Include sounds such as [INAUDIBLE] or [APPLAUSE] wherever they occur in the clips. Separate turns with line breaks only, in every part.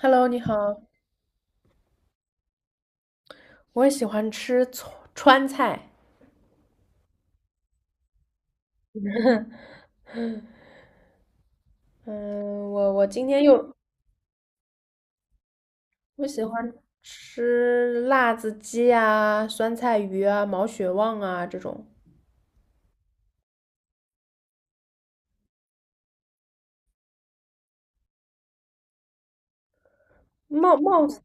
Hello，你好，我也喜欢吃川菜。[LAUGHS] 嗯，我今天又我喜欢吃辣子鸡啊、酸菜鱼啊、毛血旺啊这种冒菜。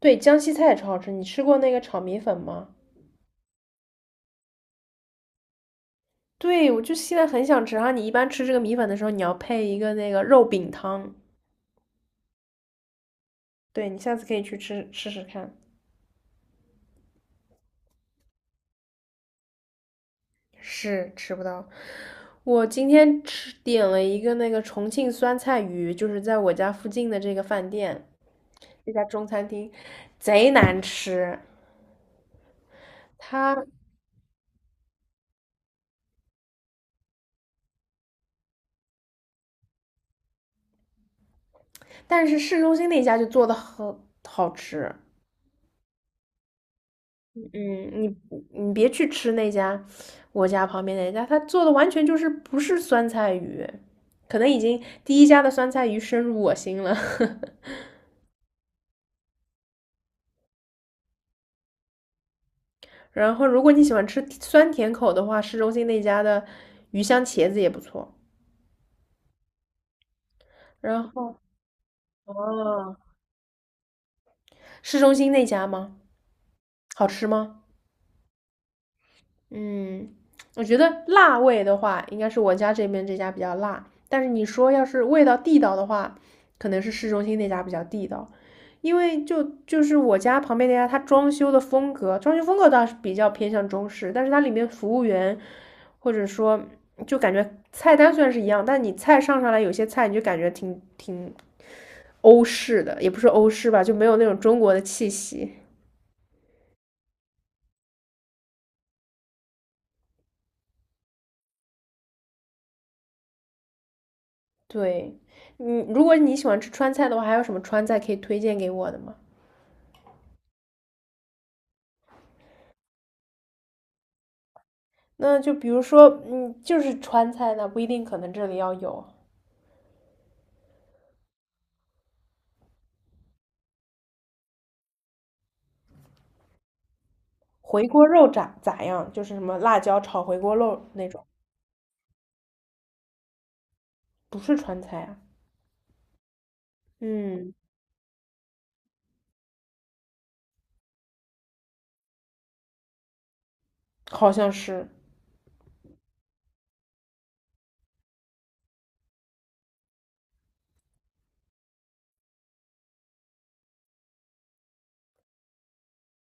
对，江西菜也超好吃。你吃过那个炒米粉吗？对，我就现在很想吃。然后你一般吃这个米粉的时候，你要配一个那个肉饼汤。对，你下次可以去吃试试看。是吃不到。我今天吃点了一个那个重庆酸菜鱼，就是在我家附近的这个饭店，这家中餐厅，贼难吃。它，但是市中心那家就做的很好吃。嗯，你别去吃那家，我家旁边那家，他做的完全就是不是酸菜鱼，可能已经第一家的酸菜鱼深入我心了。[LAUGHS] 然后，如果你喜欢吃酸甜口的话，市中心那家的鱼香茄子也不错。然后，哦，市中心那家吗？好吃吗？嗯，我觉得辣味的话，应该是我家这边这家比较辣。但是你说要是味道地道的话，可能是市中心那家比较地道，因为就是我家旁边那家，它装修的风格，装修风格倒是比较偏向中式，但是它里面服务员或者说就感觉菜单虽然是一样，但你菜上来有些菜你就感觉挺欧式的，也不是欧式吧，就没有那种中国的气息。对，嗯，如果你喜欢吃川菜的话，还有什么川菜可以推荐给我的吗？那就比如说，嗯，就是川菜那不一定可能这里要有回锅肉咋样，就是什么辣椒炒回锅肉那种，不是川菜啊。嗯，好像是，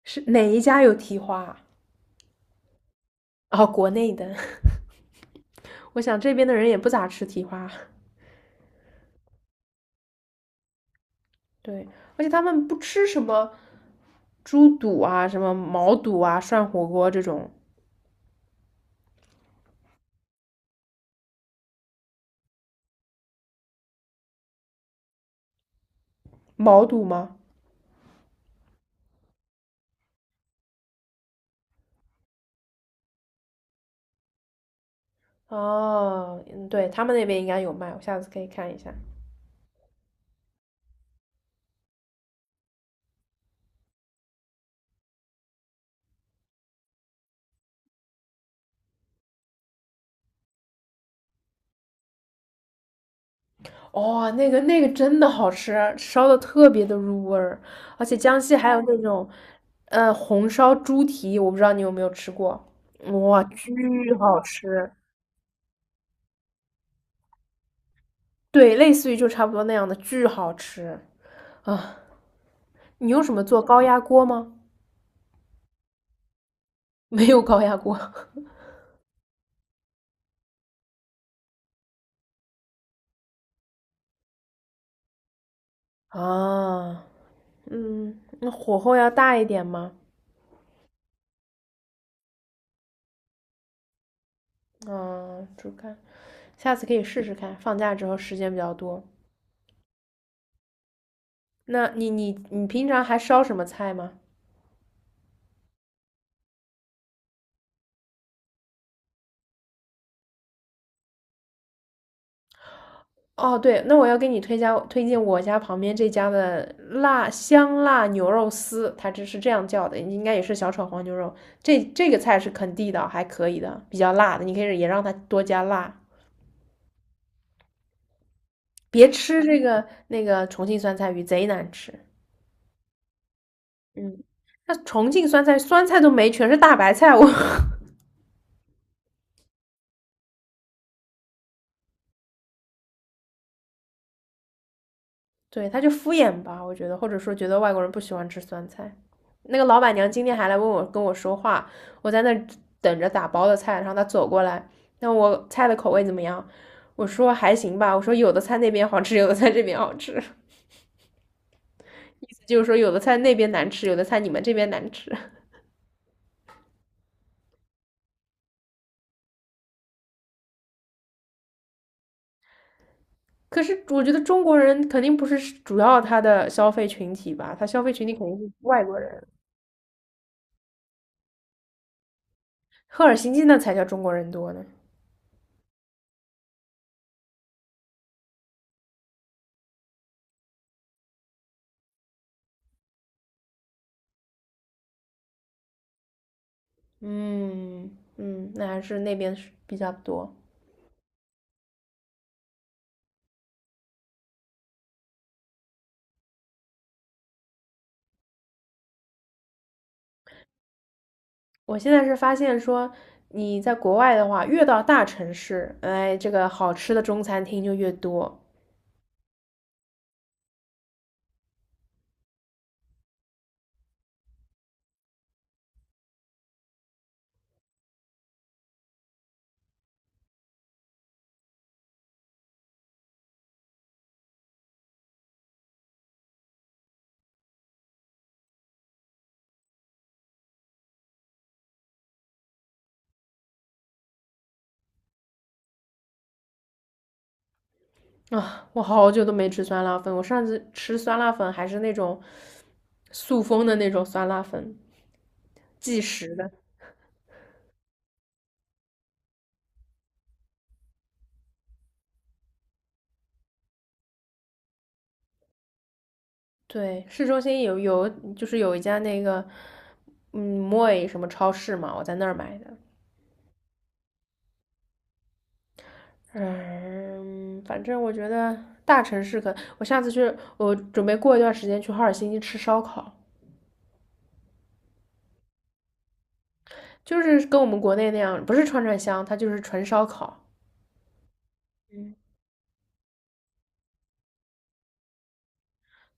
是哪一家有蹄花啊？哦，国内的，[LAUGHS] 我想这边的人也不咋吃蹄花。[LAUGHS] 对，而且他们不吃什么猪肚啊、什么毛肚啊、涮火锅这种。毛肚吗？哦，嗯，对，他们那边应该有卖，我下次可以看一下。哦，那个真的好吃啊，烧的特别的入味儿，而且江西还有那种，红烧猪蹄，我不知道你有没有吃过，哇，巨好吃。对，类似于就差不多那样的，巨好吃啊！你用什么做高压锅吗？[LAUGHS] 没有高压锅 [LAUGHS] 啊，嗯，那火候要大一点吗？啊，煮开，下次可以试试看，放假之后时间比较多。那你平常还烧什么菜吗？哦，对，那我要给你推荐我家旁边这家的辣香辣牛肉丝，它这是这样叫的，应该也是小炒黄牛肉。这个菜是肯地道，还可以的，比较辣的，你可以也让它多加辣。别吃这个那个重庆酸菜鱼，贼难吃。嗯，那重庆酸菜都没，全是大白菜，我 [LAUGHS] 对，他就敷衍吧，我觉得，或者说觉得外国人不喜欢吃酸菜。那个老板娘今天还来问我跟我说话，我在那等着打包的菜，然后她走过来，那我菜的口味怎么样？我说还行吧，我说有的菜那边好吃，有的菜这边好吃，意思就是说有的菜那边难吃，有的菜你们这边难吃。可是我觉得中国人肯定不是主要他的消费群体吧，他消费群体肯定是外国人，赫尔辛基那才叫中国人多呢。嗯嗯，那还是那边是比较多。我现在是发现说，你在国外的话，越到大城市，哎，这个好吃的中餐厅就越多啊！我好久都没吃酸辣粉，我上次吃酸辣粉还是那种速封的那种酸辣粉，即食的。对，市中心有就是有一家那个，嗯，moi 什么超市嘛，我在那儿买的。嗯，反正我觉得大城市可，我下次去，我准备过一段时间去哈尔辛基吃烧烤。就是跟我们国内那样，不是串串香，它就是纯烧烤。嗯，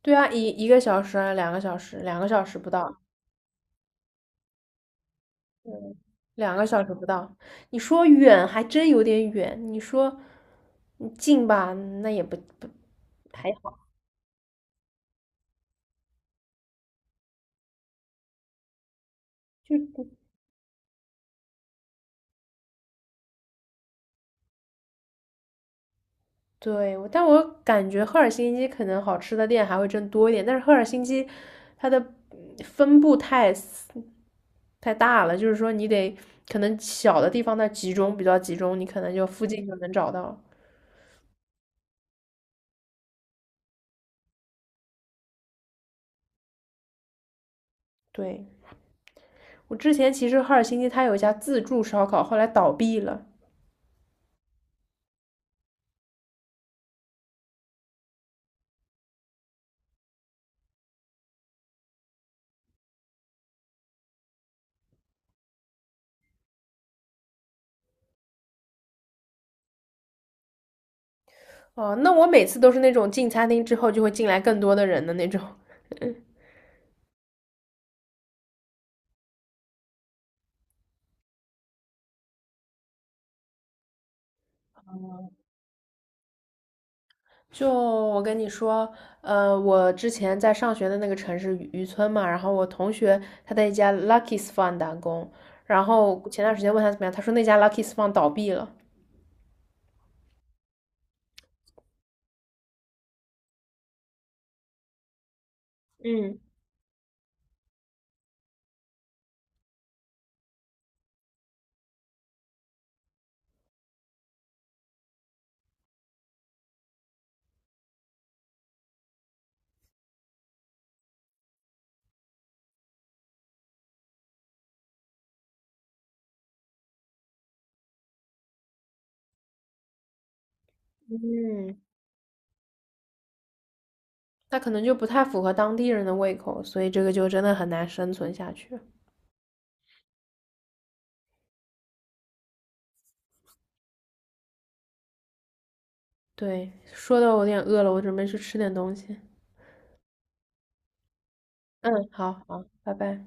对啊，一个小时啊，两个小时，两个小时不到，嗯，两个小时不到。你说远还真有点远，你说你近吧，那也不还好。就对我但我感觉赫尔辛基可能好吃的店还会真多一点，但是赫尔辛基它的嗯分布太大了，就是说你得可能小的地方它集中比较集中，你可能就附近就能找到。对，我之前其实赫尔辛基它有一家自助烧烤，后来倒闭了。哦，那我每次都是那种进餐厅之后就会进来更多的人的那种。[LAUGHS] 就我跟你说，我之前在上学的那个城市渔村嘛，然后我同学他在一家 Lucky's Fun 打工，然后前段时间问他怎么样，他说那家 Lucky's Fun 倒闭了。嗯嗯，那可能就不太符合当地人的胃口，所以这个就真的很难生存下去。对，说的我有点饿了，我准备去吃点东西。嗯，好好，拜拜。